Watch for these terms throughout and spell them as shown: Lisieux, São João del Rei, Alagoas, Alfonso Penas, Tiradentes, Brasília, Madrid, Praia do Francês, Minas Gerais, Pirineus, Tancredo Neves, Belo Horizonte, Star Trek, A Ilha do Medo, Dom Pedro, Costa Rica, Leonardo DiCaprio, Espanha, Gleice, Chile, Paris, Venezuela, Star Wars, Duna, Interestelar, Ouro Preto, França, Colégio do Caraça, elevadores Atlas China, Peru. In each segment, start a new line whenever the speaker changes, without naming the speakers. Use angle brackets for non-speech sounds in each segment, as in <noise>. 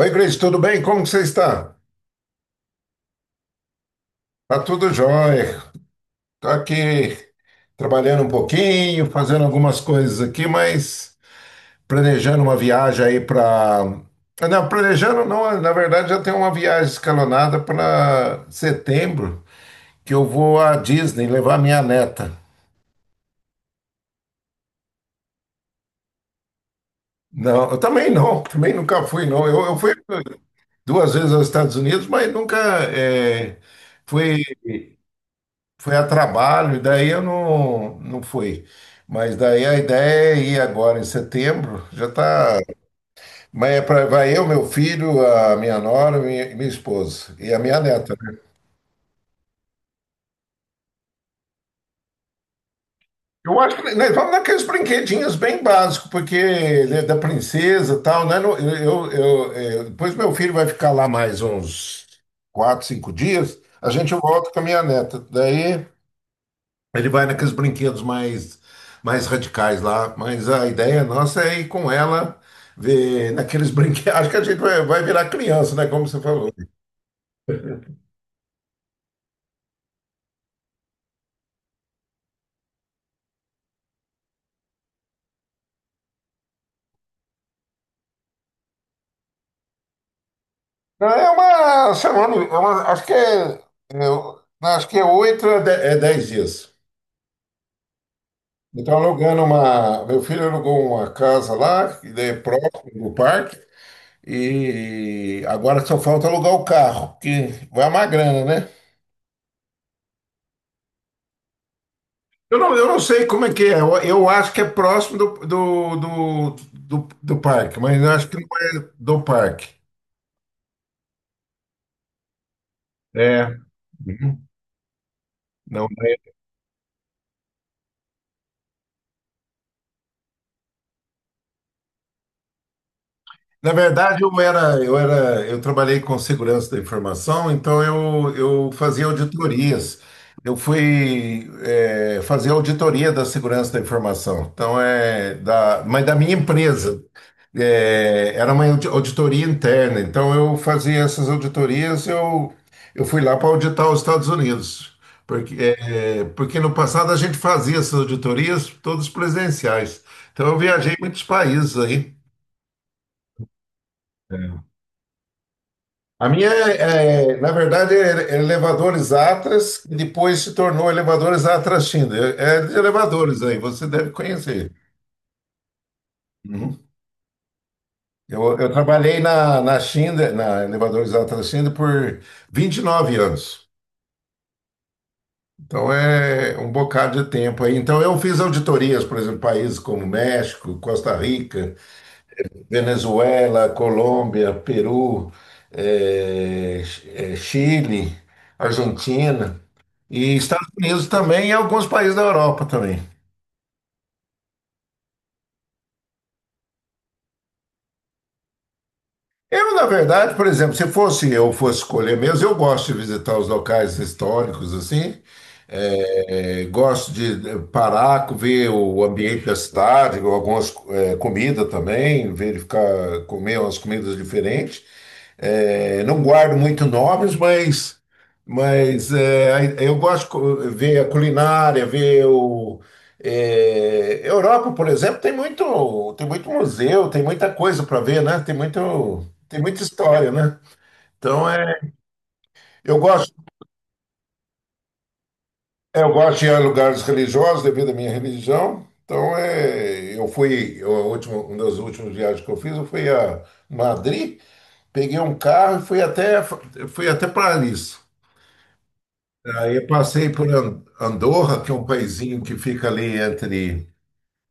Oi, Cris, tudo bem? Como que você está? Tá tudo jóia. Tô aqui trabalhando um pouquinho, fazendo algumas coisas aqui, mas planejando uma viagem aí para... Não, planejando não, na verdade já tem uma viagem escalonada para setembro, que eu vou à Disney levar minha neta. Não, eu também não, também nunca fui não. Eu fui duas vezes aos Estados Unidos, mas nunca eh, fui foi a trabalho, e daí eu não, não fui. Mas daí a ideia é ir agora em setembro, já tá. Mas é pra, vai eu, meu filho, a minha nora, minha esposa e a minha neta, né? Eu acho que nós vamos naqueles brinquedinhos bem básicos, porque ele é da princesa e tal, né? Depois meu filho vai ficar lá mais uns 4, 5 dias, a gente volta com a minha neta. Daí. Ele vai naqueles brinquedos mais radicais lá, mas a ideia nossa é ir com ela ver naqueles brinquedos. <laughs> Acho que a gente vai virar criança, né? Como você falou. Não, é uma semana, acho que é oito a de- é 10 dias. Então meu filho alugou uma casa lá, que é próximo do parque, e agora só falta alugar o carro, que vai uma grana, né? Eu não sei como é que é. Eu acho que é próximo do parque, mas eu acho que não é do parque. É. Uhum. Não, é. Na verdade, eu trabalhei com segurança da informação, então eu fazia auditorias. Eu fui fazer auditoria da segurança da informação. Então é da, mas da minha empresa. Eh, era uma audi- auditoria interna. Então eu fazia essas auditorias. Eu fui lá para auditar os Estados Unidos, porque no passado a gente fazia essas auditorias todas presenciais. Então eu viajei muitos países aí. A minha, é, é, na verdade, é elevadores Atlas, e depois se tornou elevadores Atlas China. É de elevadores aí, você deve conhecer. Uhum. Eu trabalhei na China, na elevadores Atlas China, por 29 anos. Então é um bocado de tempo aí. Então eu fiz auditorias, por exemplo, países como México, Costa Rica, Venezuela, Colômbia, Peru, é, Chile, Argentina. E Estados Unidos também e alguns países da Europa também. Eu, na verdade, por exemplo, se fosse eu fosse escolher mesmo, eu gosto de visitar os locais históricos assim. Eu gosto de parar, ver o ambiente da cidade, algumas comidas também, verificar, comer umas comidas diferentes. Eh, não guardo muito nomes, mas, eu gosto de ver a culinária, ver o. Europa, por exemplo, tem muito museu, tem muita coisa para ver, né? Tem muita história, né? Então, eu gosto. É, eu gosto de ir a lugares religiosos devido à minha religião. Então, é, eu fui, eu, a última, uma das últimas viagens que eu fiz, eu fui a Madrid, peguei um carro e fui até Paris. Aí eu passei por An- Andorra, que é um paizinho que fica ali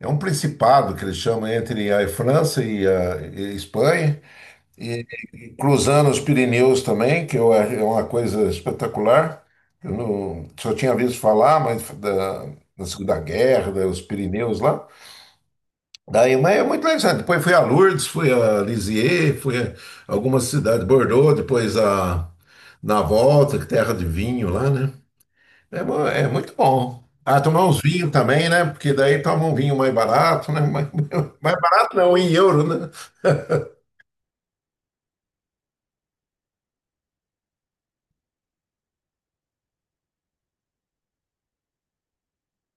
é um principado que eles chamam entre a França e a Espanha. E cruzando os Pirineus também, que eu, é uma coisa espetacular. Eu não, só tinha visto falar, mas da Segunda Guerra, dos Pirineus lá. Daí, mas é muito interessante. Depois fui a Lourdes, fui a Lisieux, fui a algumas cidades, Bordeaux, depois a, na volta, que é terra de vinho lá, né? É, é muito bom. Ah, tomar uns vinhos também, né? Porque daí toma um vinho mais barato, né? Mais, <laughs> mais barato não, em euro, né? <laughs>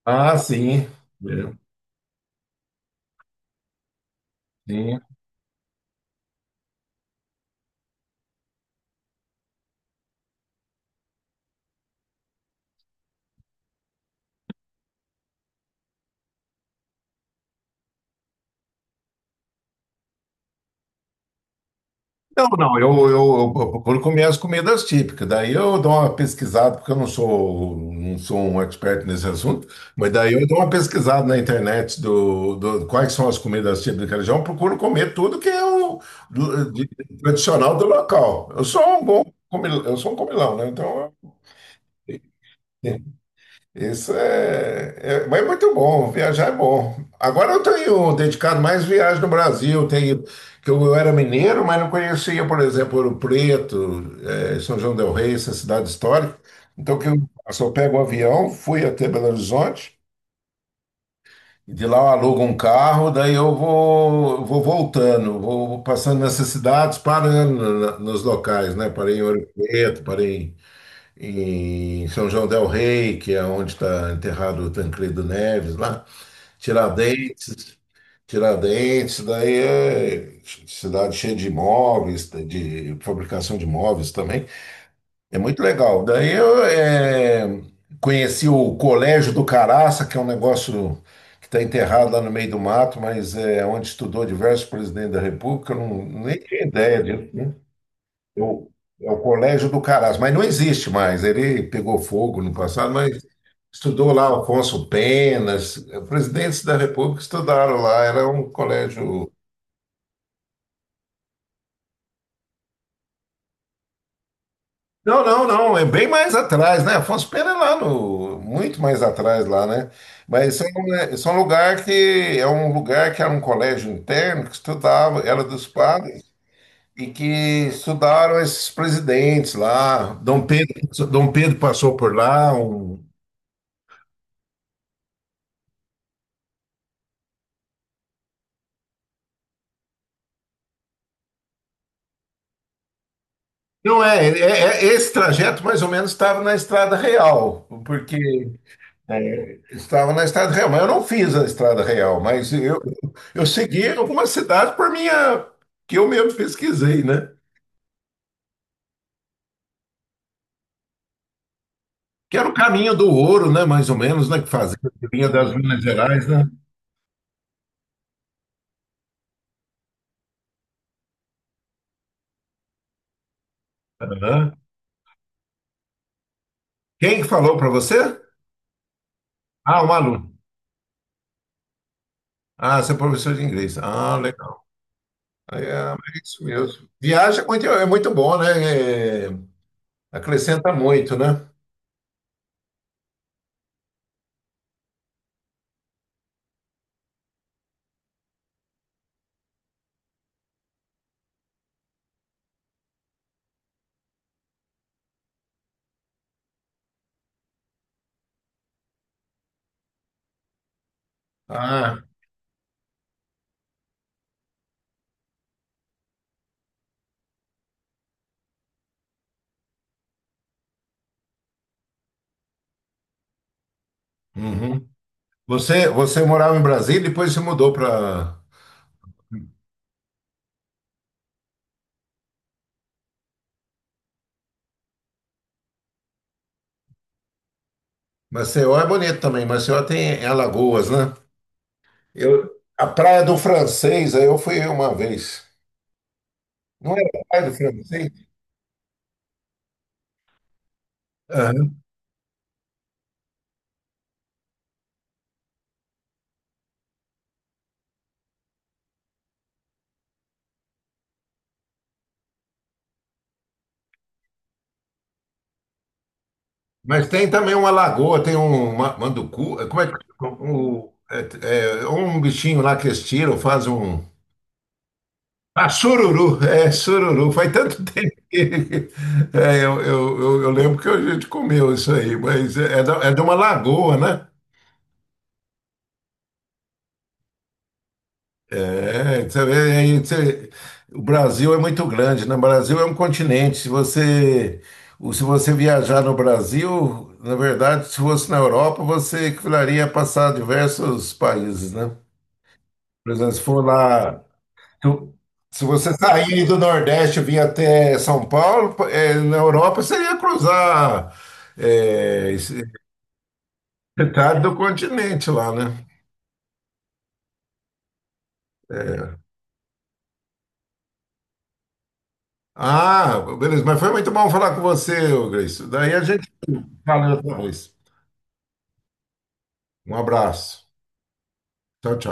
Ah, sim. É. Sim. Não, não, eu procuro comer as comidas típicas. Daí eu dou uma pesquisada, porque eu não sou um expert nesse assunto, mas daí eu dou uma pesquisada na internet do, quais são as comidas típicas da região, procuro comer tudo que é o do- de- tradicional do local. Eu sou um bom comilão, eu sou um comilão, né? Então, eu- isso é, é- Mas é muito bom, viajar é bom. Agora eu tenho dedicado mais viagem no Brasil. Tenho, que eu era mineiro, mas não conhecia, por exemplo, Ouro Preto, eh, São João del Rei, essa cidade histórica. Então que eu só pego o avião, fui até Belo Horizonte, e de lá eu alugo um carro, daí eu vou, vou voltando, vou passando nessas cidades, parando nos locais, né? Parei em Ouro Preto, parei em São João del Rei, que é onde está enterrado o Tancredo Neves, lá, Tiradentes, Tiradentes, daí é cidade cheia de imóveis, de fabricação de imóveis também. É muito legal. Daí eu conheci o Colégio do Caraça, que é um negócio que está enterrado lá no meio do mato, mas é onde estudou diversos presidentes da República, eu não, nem tinha ideia disso, né? Eu, é o Colégio do Caras, mas não existe mais. Ele pegou fogo no passado, mas estudou lá Alfonso Penas, presidentes da República estudaram lá. Era um colégio. Não, não, não, é bem mais atrás, né? Afonso Pena é lá no. Muito mais atrás lá, né? Mas isso é um lugar que. É um lugar que era um colégio interno que estudava, era dos padres, e que estudaram esses presidentes lá. Dom Pedro, Dom Pedro passou por lá, um. Não, esse trajeto mais ou menos estava na estrada real, porque estava na estrada real, mas eu não fiz a estrada real, mas eu segui alguma cidade por minha, que eu mesmo pesquisei, né? Que era o caminho do ouro, né? Mais ou menos, né? Que fazia, que vinha das Minas Gerais, né? Aham. Quem que falou para você? Ah, um aluno. Ah, você é professor de inglês. Ah, legal. É, é isso mesmo. Viagem é muito bom, né? É, acrescenta muito, né? Ah, uhum. Você morava em Brasília, e depois se mudou para Maceió, é bonito também. Maceió tem é Alagoas, né? Eu, a Praia do Francês, aí eu fui uma vez. Não era a Praia do Francês? Aham. Mas tem também uma lagoa, tem um manducu, como é que um, é, é, um bichinho lá que eles tiram, faz um. Ah, sururu, é, sururu. Faz tanto tempo que. <laughs> É, eu lembro que a gente comeu isso aí, mas é de uma lagoa, né? É, você vê, aí o Brasil é muito grande, né? O Brasil é um continente. Se você viajar no Brasil, na verdade, se fosse na Europa, você precisaria passar diversos países, né? Por exemplo, se for lá, tu- se você sair do Nordeste e vir até São Paulo, eh, na Europa, você ia cruzar, eh, esse- metade do continente lá, né? É. Ah, beleza, mas foi muito bom falar com você, ô Gleice. Daí a gente. Valeu, até mais. Um abraço. Tchau, tchau.